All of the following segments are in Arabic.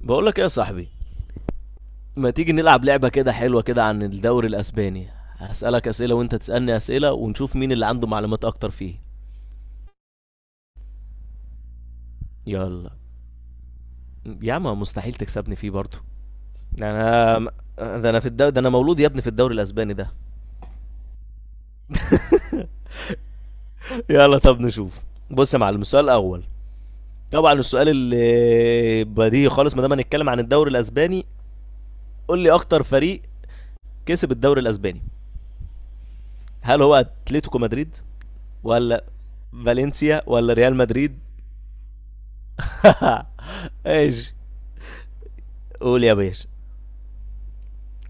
بقول لك ايه يا صاحبي؟ ما تيجي نلعب لعبة كده حلوة كده عن الدوري الأسباني؟ هسألك أسئلة وأنت تسألني أسئلة ونشوف مين اللي عنده معلومات أكتر فيه. يلا يا عم مستحيل تكسبني فيه برضه. أنا، ده أنا في الدوري ده، أنا مولود يا ابني في الدوري الأسباني ده. يلا طب نشوف. بص يا معلم، السؤال الأول، طبعا السؤال اللي بديهي خالص ما دام هنتكلم عن الدوري الأسباني، قول لي أكتر فريق كسب الدوري الأسباني، هل هو أتلتيكو مدريد ولا فالنسيا ولا ريال مدريد؟ ايش؟ قول يا باشا.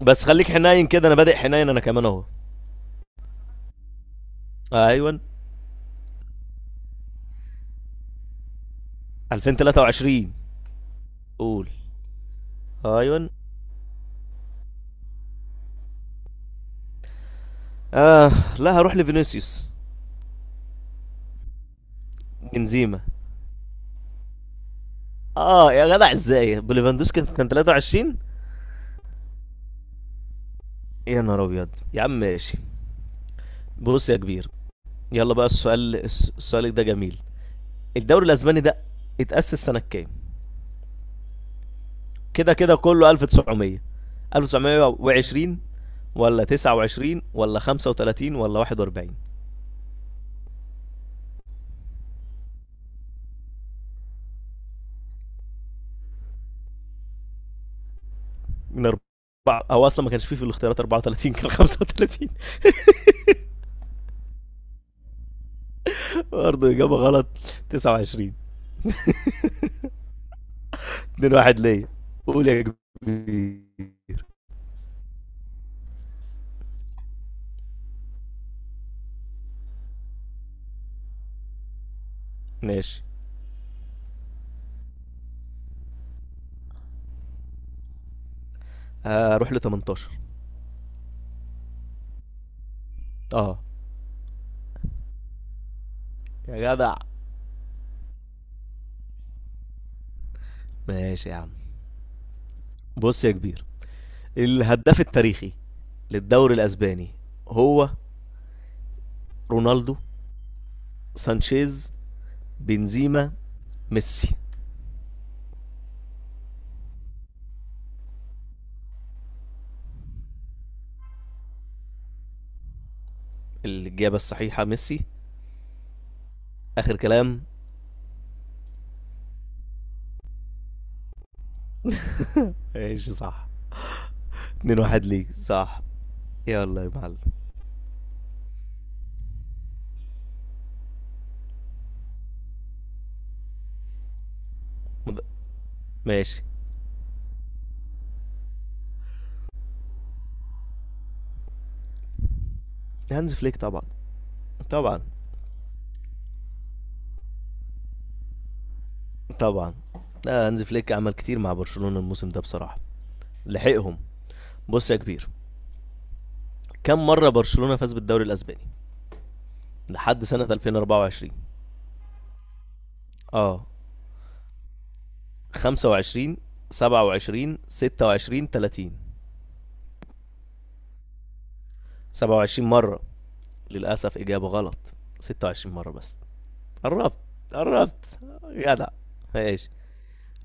بس خليك حنين كده، انا بادئ حنين انا كمان اهو. ايوه، 2023. قول. ايوه. اه لا، هروح لفينيسيوس. بنزيما؟ اه يا جدع ازاي؟ بوليفاندوسكي كان 23؟ يا نهار ابيض. يا عم ماشي. بص يا كبير، يلا بقى السؤال، السؤال ده جميل. الدوري الاسباني ده اتأسس سنة كام؟ كده كده كله 1900، 1920 ولا 29 ولا 35 ولا 41؟ من اربعه او اصلا ما كانش فيه في الاختيارات 34، كان 35. برضه اجابه غلط، 29. 2 1 ليا. قول يا كبير. ماشي، هروح ل 18. اه يا جدع. ماشي يا عم. بص يا كبير، الهداف التاريخي للدوري الاسباني هو رونالدو، سانشيز، بنزيما، ميسي؟ الاجابه الصحيحه ميسي، اخر كلام. ماشي صح. 2 1 ليك صح. يلا يا معلم. ماشي. هانز فليك طبعا. طبعا طبعا. لا هانز فليك عمل كتير مع برشلونة الموسم ده بصراحة، لحقهم. بص يا كبير، كم مرة برشلونة فاز بالدوري الأسباني لحد سنة 2024؟ اه، 25، 27، 26، 30؟ 27 مرة. للأسف إجابة غلط، 26 مرة بس. قربت. قربت جدع. ماشي.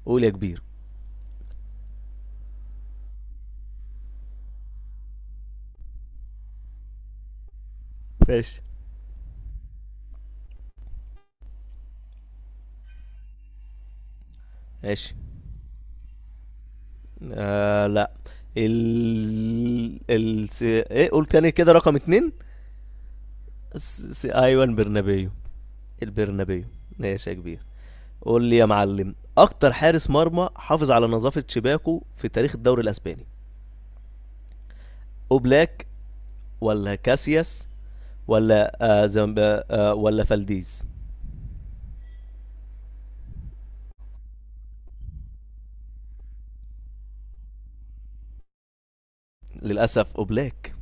قول يا كبير. ماشي. ماشي. آه لا، ايه، قول تاني كده رقم اتنين. ايوان برنابيو. البرنابيو. ماشي يا كبير. قول لي يا معلم، اكتر حارس مرمى حافظ على نظافة شباكه في تاريخ الدوري الاسباني، اوبلاك ولا كاسياس ولا زمب... آه ولا فالديز؟ للاسف اوبلاك.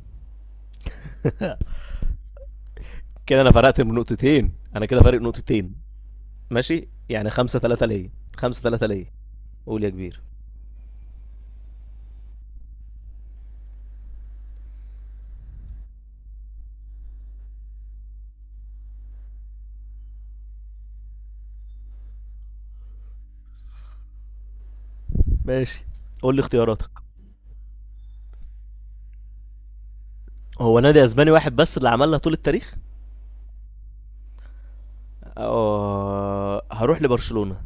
كده انا فرقت من نقطتين، انا كده فارق نقطتين. ماشي يعني خمسة ثلاثة ليا. خمسة ثلاثة ليا. قول يا كبير. ماشي. قول لي اختياراتك. هو نادي اسباني واحد بس اللي عملها طول التاريخ. هروح لبرشلونة.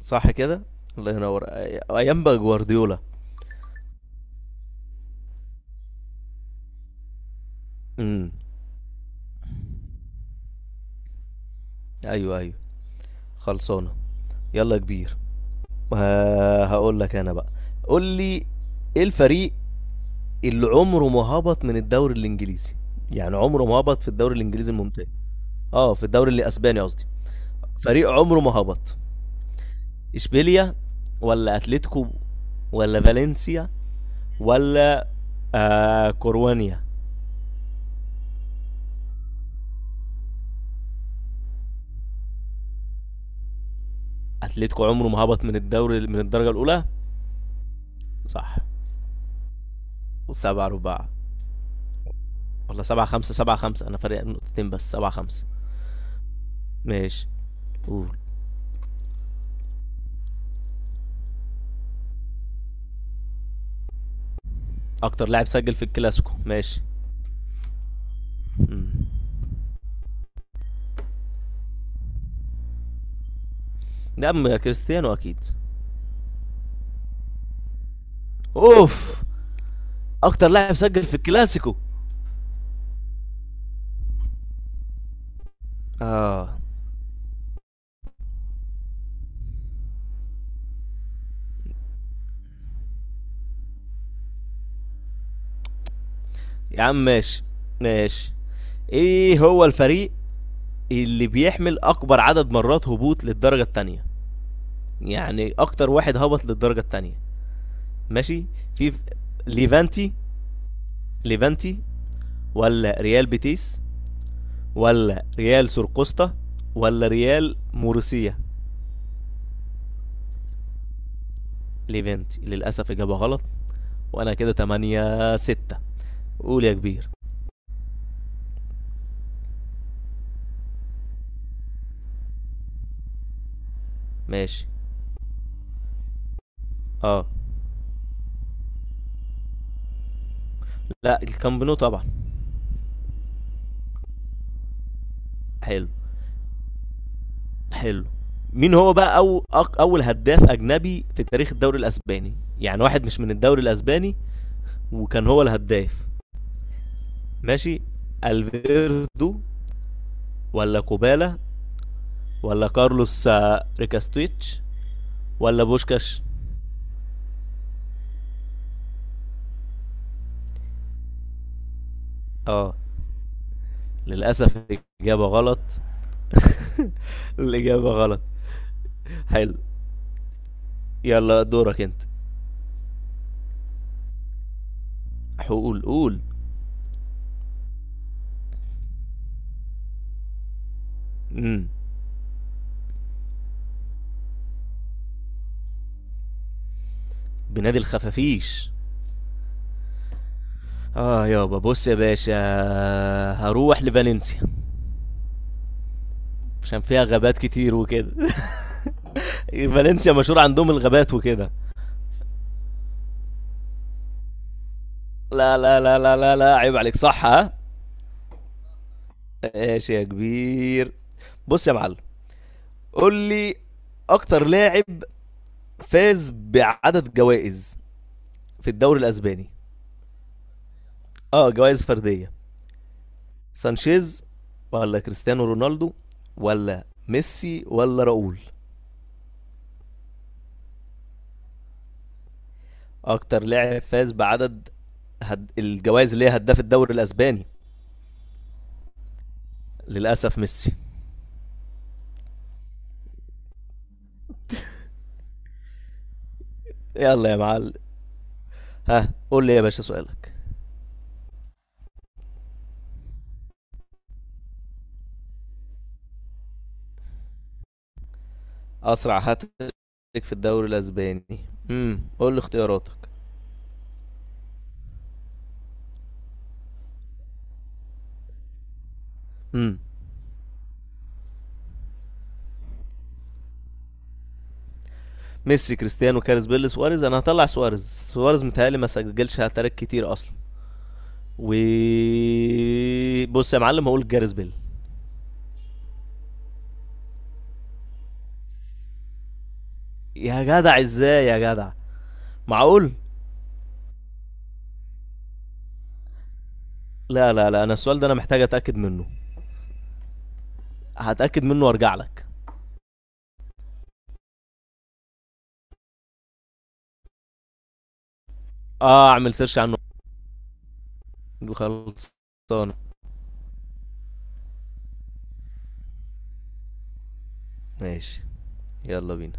صح كده. الله ينور. ايام بقى جوارديولا. امم. ايوه ايوه. خلصانه. يلا يا كبير. هقول لك انا بقى. قول لي، ايه الفريق اللي عمره ما هبط من الدوري الانجليزي؟ يعني عمره ما هبط في الدوري الانجليزي الممتاز. اه في الدوري الاسباني قصدي. فريق عمره ما هبط، اشبيليا ولا اتلتيكو ولا فالنسيا ولا كوروانيا؟ اتلتيكو عمره ما هبط من الدرجه الاولى. صح. سبعة رباع. والله سبعة خمسة. سبعة خمسة، أنا فارق نقطتين بس. سبعة خمسة. ماشي. قول. أكتر لاعب سجل في الكلاسيكو؟ ماشي. مم. ده أم كريستيانو أكيد. أوف. أكتر لاعب سجل في الكلاسيكو. آه. يا عم ماشي. ماشي. إيه هو الفريق اللي بيحمل أكبر عدد مرات هبوط للدرجة التانية؟ يعني أكتر واحد هبط للدرجة التانية. ماشي. في ليفانتي، ليفانتي ولا ريال بيتيس ولا ريال سرقسطة ولا ريال مورسية؟ ليفانتي للأسف إجابة غلط. وأنا كده تمانية ستة. قول يا كبير. ماشي. اه لا، الكامب نو طبعا. حلو. حلو. مين هو بقى أول هداف أجنبي في تاريخ الدوري الأسباني؟ يعني واحد مش من الدوري الأسباني وكان هو الهداف. ماشي. الفيردو ولا كوبالا ولا كارلوس، ريكاستويتش ولا بوشكاش؟ اه للاسف الاجابه غلط. الاجابه غلط. حلو. يلا دورك انت. حقول، قول. امم. بنادي الخفافيش. اه يابا. بص يا باشا، هروح لفالنسيا عشان فيها غابات كتير وكده. فالنسيا مشهور عندهم الغابات وكده. لا لا لا لا لا لا، عيب عليك. صح؟ ها. ماشي يا كبير. بص يا معلم، قول لي اكتر لاعب فاز بعدد جوائز في الدوري الاسباني. اه جوائز فرديه. سانشيز ولا كريستيانو رونالدو ولا ميسي ولا راؤول؟ اكتر لاعب فاز بعدد الجوائز اللي هي هداف الدوري الاسباني. للاسف ميسي. يلا يا معلم. ها قول لي يا باشا سؤالك. اسرع هاتريك في الدوري الاسباني. امم، قول لي اختياراتك. امم. ميسي، كريستيانو، كارز بيل، سواريز. انا هطلع سواريز. سواريز متهيألي ما سجلش هاتريك كتير اصلا، و، بص يا معلم، هقول جاريس بيل. يا جدع ازاي يا جدع؟ معقول؟ لا لا لا، انا السؤال ده انا محتاج اتاكد منه. هتاكد منه وارجع لك. اه، اعمل سيرش عنه. خلصانه. ماشي. يلا بينا.